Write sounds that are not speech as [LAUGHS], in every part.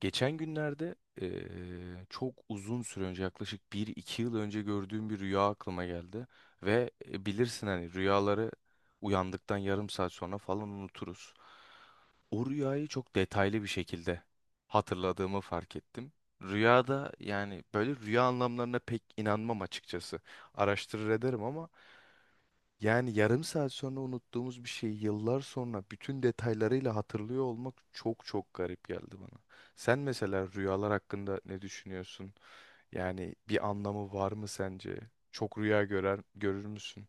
Geçen günlerde eee, çok uzun süre önce yaklaşık bir iki yıl önce gördüğüm bir rüya aklıma geldi. Bilirsin hani rüyaları uyandıktan yarım saat sonra falan unuturuz. O rüyayı çok detaylı bir şekilde hatırladığımı fark ettim. Rüyada yani böyle rüya anlamlarına pek inanmam açıkçası. Araştırır ederim ama yani yarım saat sonra unuttuğumuz bir şeyi yıllar sonra bütün detaylarıyla hatırlıyor olmak çok garip geldi bana. Sen mesela rüyalar hakkında ne düşünüyorsun? Yani bir anlamı var mı sence? Çok rüya görür müsün?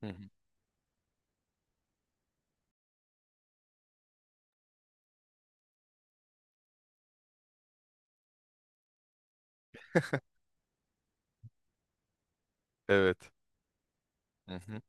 Hı hı. [LAUGHS] Evet. Hı hı.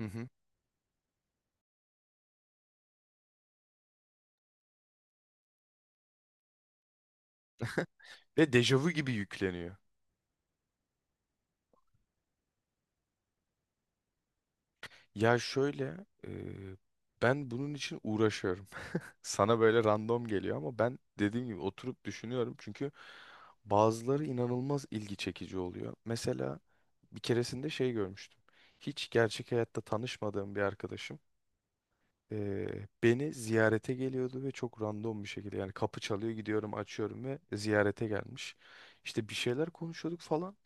Hı hı. Ve dejavu gibi yükleniyor. Ya şöyle, e, ben bunun için uğraşıyorum. [LAUGHS] Sana böyle random geliyor ama ben dediğim gibi oturup düşünüyorum. Çünkü bazıları inanılmaz ilgi çekici oluyor. Mesela bir keresinde şey görmüştüm. Hiç gerçek hayatta tanışmadığım bir arkadaşım e, beni ziyarete geliyordu ve çok random bir şekilde yani kapı çalıyor gidiyorum açıyorum ve ziyarete gelmiş. İşte bir şeyler konuşuyorduk falan.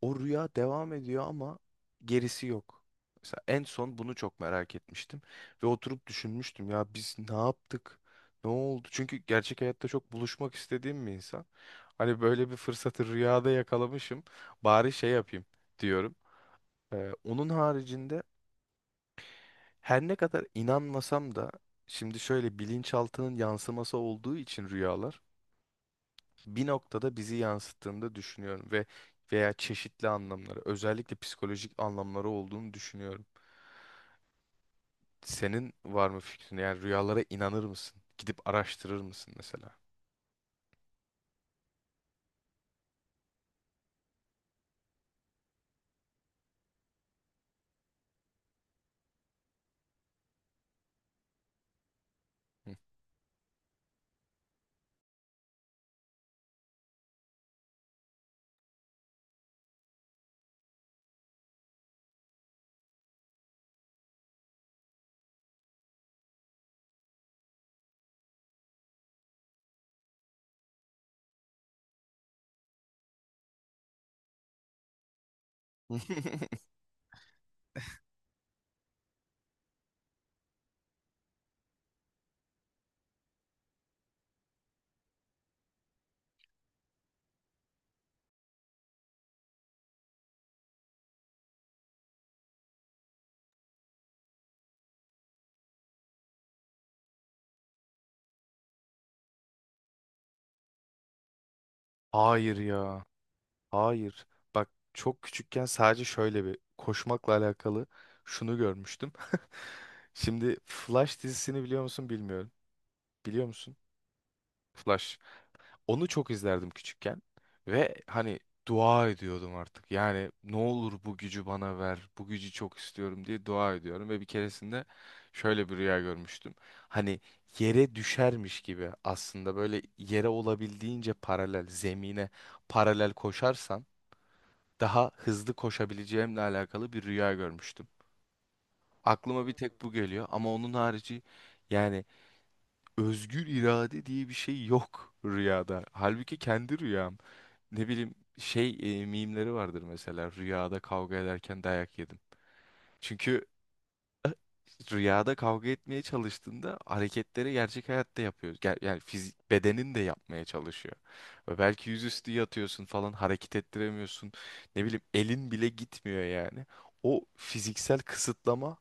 O rüya devam ediyor ama gerisi yok. Mesela en son bunu çok merak etmiştim ve oturup düşünmüştüm ya biz ne yaptık? Ne oldu? Çünkü gerçek hayatta çok buluşmak istediğim bir insan. Hani böyle bir fırsatı rüyada yakalamışım. Bari şey yapayım diyorum. Onun haricinde her ne kadar inanmasam da şimdi şöyle bilinçaltının yansıması olduğu için rüyalar bir noktada bizi yansıttığını da düşünüyorum ve veya çeşitli anlamları, özellikle psikolojik anlamları olduğunu düşünüyorum. Senin var mı fikrin? Yani rüyalara inanır mısın? Gidip araştırır mısın mesela? Hı. [LAUGHS] Hayır ya. Hayır. Bak çok küçükken sadece şöyle bir koşmakla alakalı şunu görmüştüm. [LAUGHS] Şimdi Flash dizisini biliyor musun bilmiyorum. Biliyor musun? Flash. Onu çok izlerdim küçükken ve hani dua ediyordum artık. Yani ne olur bu gücü bana ver, bu gücü çok istiyorum diye dua ediyorum ve bir keresinde şöyle bir rüya görmüştüm. Hani yere düşermiş gibi aslında böyle yere olabildiğince paralel, zemine paralel koşarsan daha hızlı koşabileceğimle alakalı bir rüya görmüştüm. Aklıma bir tek bu geliyor ama onun harici yani özgür irade diye bir şey yok rüyada. Halbuki kendi rüyam ne bileyim mimleri vardır mesela rüyada kavga ederken dayak yedim. Çünkü [LAUGHS] rüyada kavga etmeye çalıştığında hareketleri gerçek hayatta yapıyoruz. Yani fizik bedenin de yapmaya çalışıyor. Ve belki yüzüstü yatıyorsun falan hareket ettiremiyorsun. Ne bileyim elin bile gitmiyor yani. O fiziksel kısıtlama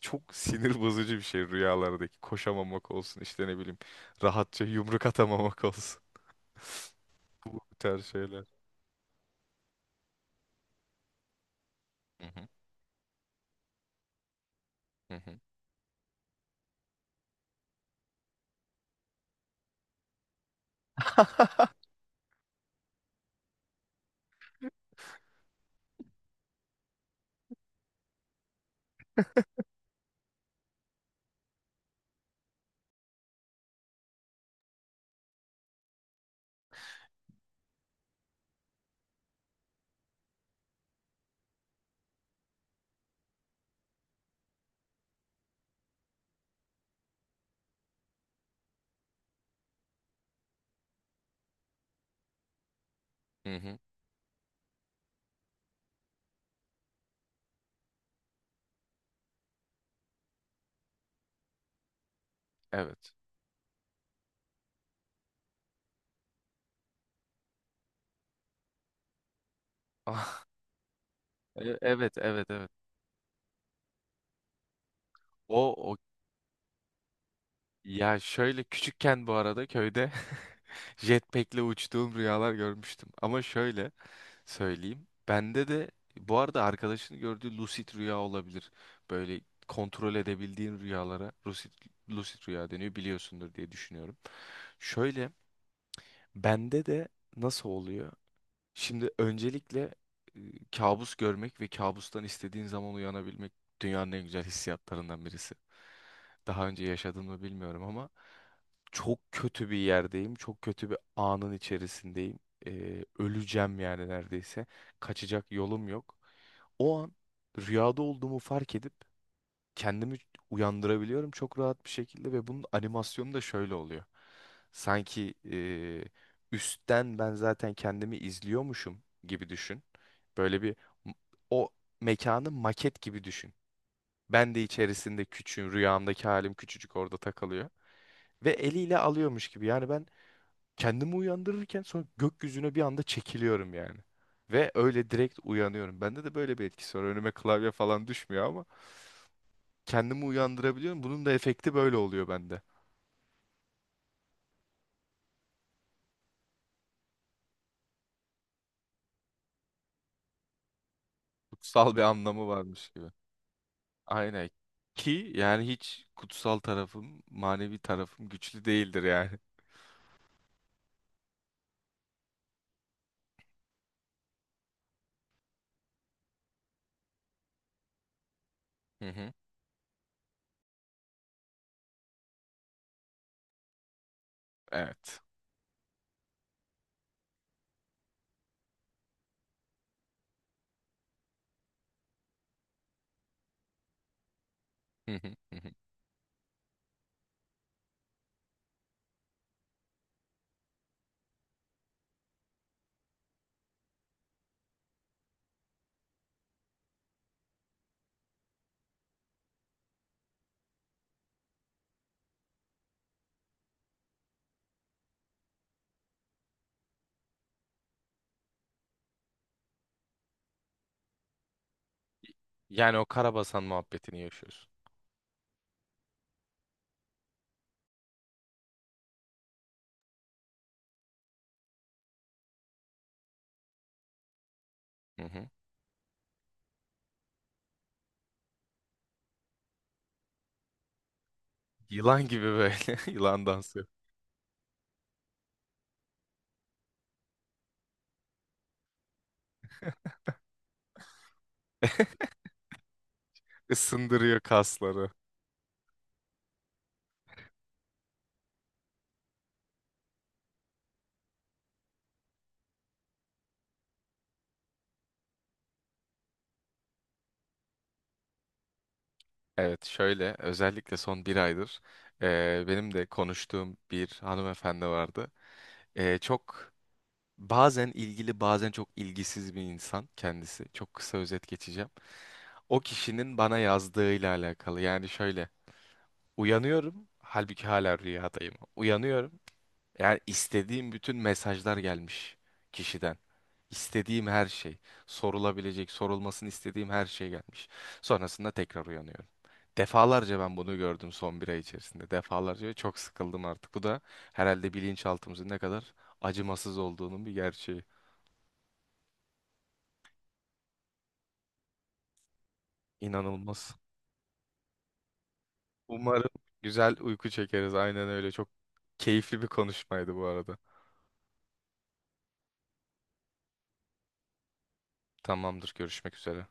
çok sinir bozucu bir şey rüyalardaki. Koşamamak olsun işte ne bileyim rahatça yumruk atamamak olsun. [LAUGHS] Bu tarz şeyler. Hı hı, hı hı, hı hı. Evet. [LAUGHS] Ah, E- evet, evet, evet. O, o ya şöyle küçükken bu arada köyde [LAUGHS] jetpack'le uçtuğum rüyalar görmüştüm. Ama şöyle söyleyeyim. Bende de bu arada arkadaşını gördüğü lucid rüya olabilir. Böyle kontrol edebildiğin rüyalara lucid rüya deniyor biliyorsundur diye düşünüyorum. Şöyle bende de nasıl oluyor? Şimdi öncelikle e, kabus görmek ve kabustan istediğin zaman uyanabilmek dünyanın en güzel hissiyatlarından birisi. Daha önce yaşadım mı bilmiyorum ama çok kötü bir yerdeyim. Çok kötü bir anın içerisindeyim. Öleceğim yani neredeyse. Kaçacak yolum yok. O an rüyada olduğumu fark edip kendimi uyandırabiliyorum çok rahat bir şekilde ve bunun animasyonu da şöyle oluyor. Sanki üstten ben zaten kendimi izliyormuşum gibi düşün. Böyle bir m- o Mekanı maket gibi düşün. Ben de içerisinde küçüğüm, rüyamdaki halim küçücük orada takılıyor. Ve eliyle alıyormuş gibi. Yani ben kendimi uyandırırken sonra gökyüzüne bir anda çekiliyorum yani. Ve öyle direkt uyanıyorum. Bende de böyle bir etkisi var. Önüme klavye falan düşmüyor, kendimi uyandırabiliyorum. Bunun da efekti böyle oluyor bende. Kutsal bir anlamı varmış gibi. Aynen. Ki yani hiç kutsal tarafım, manevi tarafım güçlü değildir yani. Hı hı. Evet. Hı hı, hı hı. Yani o karabasan muhabbetini yaşıyorsun. Hı hı. Yılan gibi böyle. [LAUGHS] Yılan dansı. Isındırıyor kasları. Evet şöyle özellikle son bir aydır benim de konuştuğum bir hanımefendi vardı. Çok Bazen ilgili, bazen çok ilgisiz bir insan kendisi. Çok kısa özet geçeceğim. O kişinin bana yazdığıyla alakalı. Yani şöyle, uyanıyorum, halbuki hala rüyadayım. Uyanıyorum, yani istediğim bütün mesajlar gelmiş kişiden. İstediğim her şey, sorulabilecek, sorulmasını istediğim her şey gelmiş. Sonrasında tekrar uyanıyorum. Defalarca ben bunu gördüm son bir ay içerisinde. Defalarca ve çok sıkıldım artık. Bu da herhalde bilinçaltımızın ne kadar acımasız olduğunun bir gerçeği. İnanılmaz. Umarım güzel uyku çekeriz. Aynen öyle. Çok keyifli bir konuşmaydı bu arada. Tamamdır. Görüşmek üzere.